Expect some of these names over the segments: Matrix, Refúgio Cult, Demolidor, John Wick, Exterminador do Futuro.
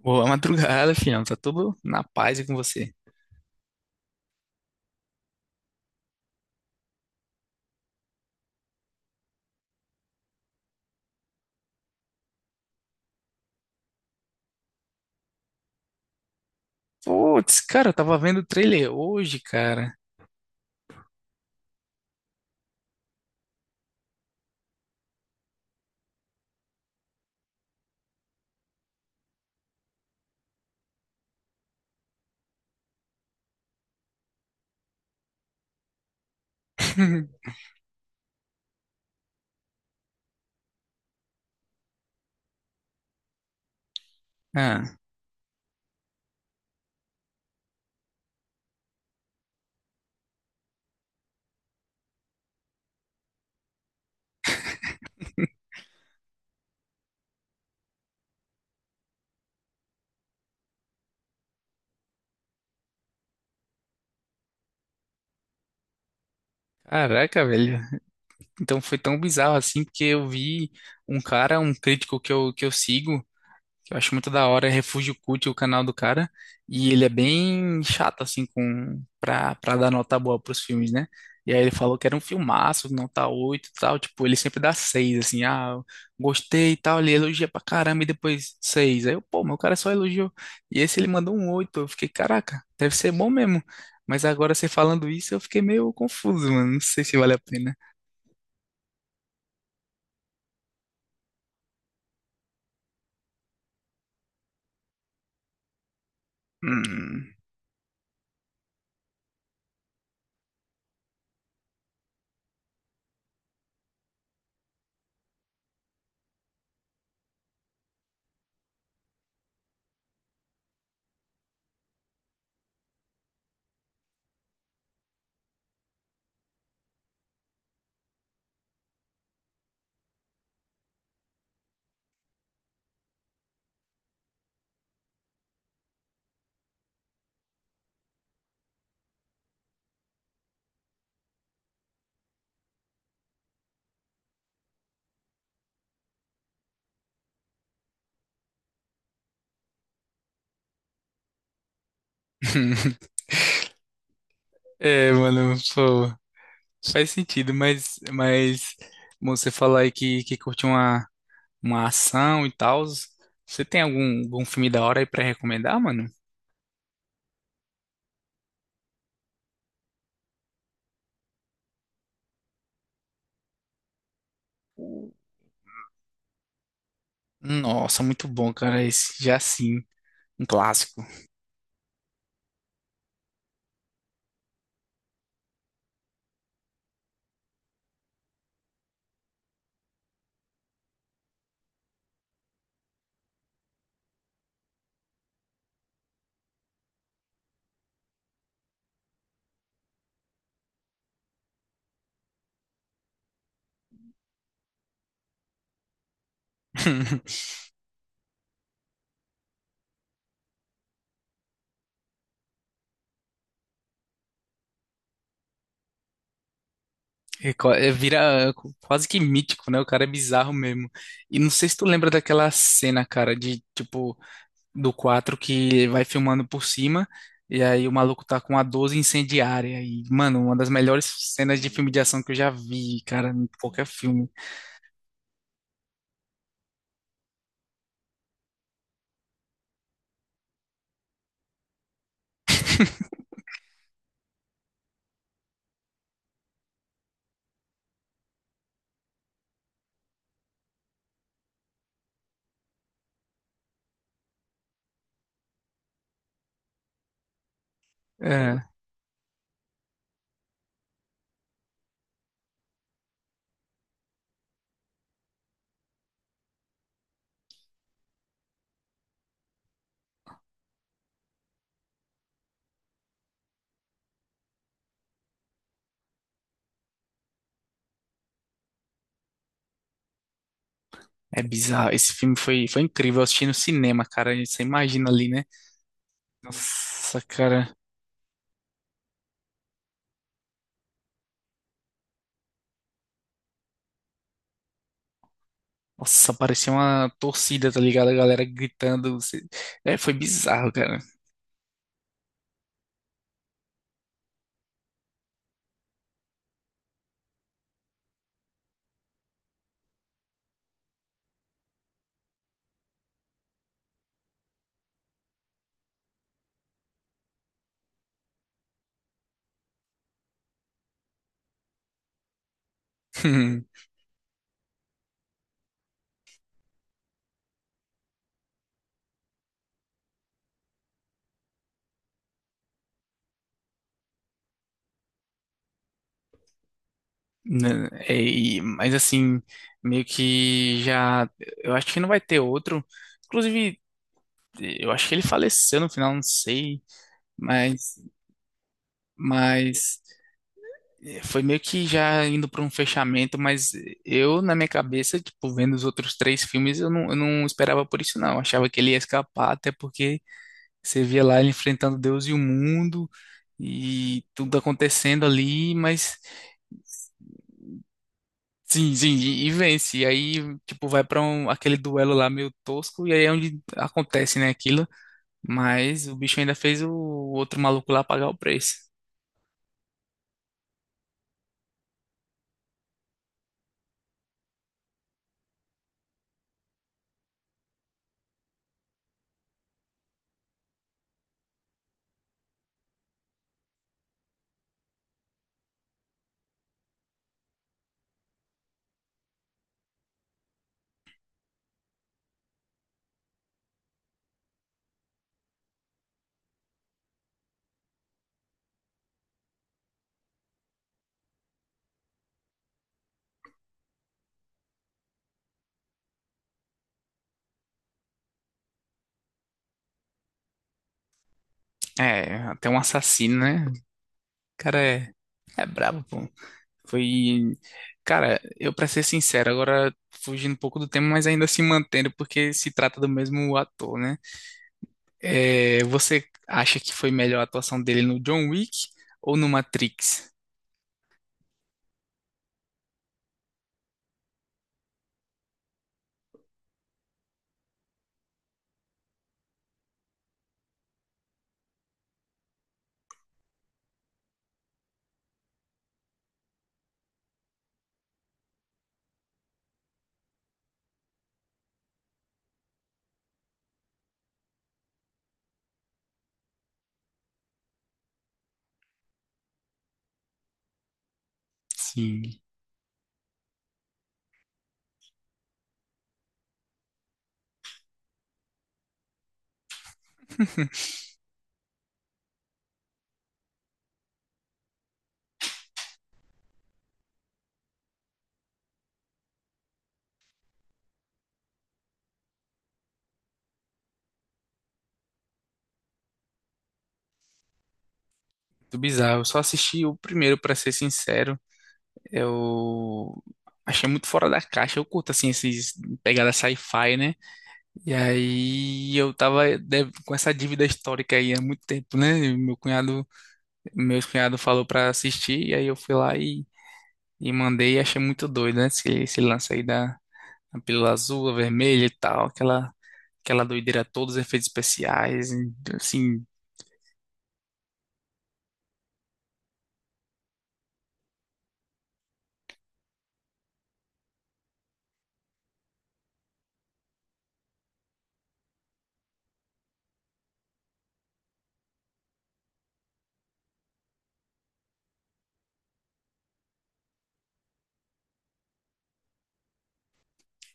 Boa madrugada, fião. Tá tudo na paz e com você. Putz, cara, eu tava vendo o trailer hoje, cara. Ah, caraca, velho. Então foi tão bizarro assim, porque eu vi um cara, um crítico que eu sigo, que eu acho muito da hora, é Refúgio Cult, o canal do cara, e ele é bem chato, assim, com, pra dar nota boa pros filmes, né? E aí ele falou que era um filmaço, nota 8 e tal, tipo, ele sempre dá 6 assim, eu gostei e tal, ele elogia pra caramba e depois 6. Aí eu, pô, meu cara só elogiou. E esse ele mandou um 8. Eu fiquei, caraca, deve ser bom mesmo. Mas agora você falando isso, eu fiquei meio confuso, mano, não sei se vale a pena. Hum. É, mano, pô. Faz sentido, mas você falar aí que, que curte uma, ação e tal. Você tem algum filme da hora aí pra recomendar, mano? Nossa, muito bom, cara. Esse já sim, um clássico. Vira quase que mítico, né? O cara é bizarro mesmo. E não sei se tu lembra daquela cena, cara, de tipo, do 4 que vai filmando por cima. E aí o maluco tá com a 12 incendiária. E, mano, uma das melhores cenas de filme de ação que eu já vi, cara, em qualquer filme. É, é bizarro. Esse filme foi incrível. Eu assisti no cinema, cara. Você imagina ali, né? Nossa, cara. Nossa, parecia uma torcida, tá ligado? A galera gritando. É, foi bizarro, cara. Né, é, mas assim, meio que já. Eu acho que não vai ter outro. Inclusive, eu acho que ele faleceu no final, não sei, mas, mas foi meio que já indo para um fechamento, mas eu, na minha cabeça, tipo, vendo os outros três filmes, eu não esperava por isso, não. Eu achava que ele ia escapar, até porque você via lá ele enfrentando Deus e o mundo e tudo acontecendo ali, mas sim, sim, e vence. E aí, tipo, vai para um, aquele duelo lá meio tosco, e aí é onde acontece, né, aquilo. Mas o bicho ainda fez o outro maluco lá pagar o preço. É, até um assassino, né? O cara é brabo, pô. Foi. Cara, eu pra ser sincero, agora fugindo um pouco do tema, mas ainda se mantendo, porque se trata do mesmo ator, né? É, você acha que foi melhor a atuação dele no John Wick ou no Matrix? Sim. Muito bizarro. Eu só assisti o primeiro, pra ser sincero. Eu achei muito fora da caixa. Eu curto, assim, esses pegada sci-fi, né? E aí eu tava com essa dívida histórica aí há muito tempo, né? E meu cunhado, meus cunhado falou pra assistir, e aí eu fui lá e mandei e achei muito doido, né? Esse lance aí da pílula azul, a vermelha e tal, aquela doideira, todos os efeitos especiais, e, assim,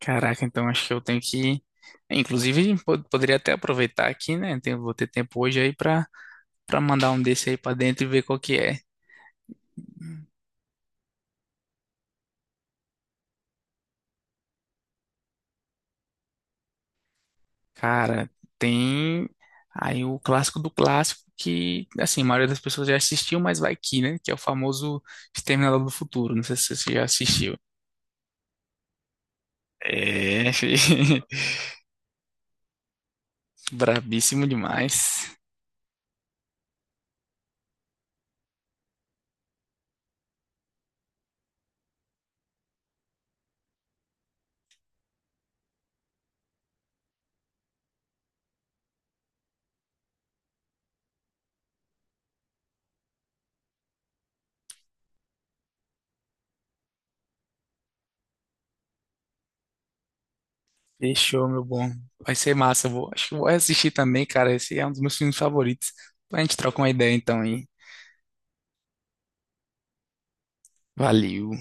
caraca, então acho que eu tenho que. Inclusive, poderia até aproveitar aqui, né? Vou ter tempo hoje aí pra, pra mandar um desse aí pra dentro e ver qual que é. Cara, tem aí o clássico do clássico que, assim, a maioria das pessoas já assistiu, mas vai que, né? Que é o famoso Exterminador do Futuro. Não sei se você já assistiu. É, fi. Brabíssimo demais. Fechou, meu bom. Vai ser massa. Acho que eu vou assistir também, cara. Esse é um dos meus filmes favoritos. A gente troca uma ideia então, hein? Valeu.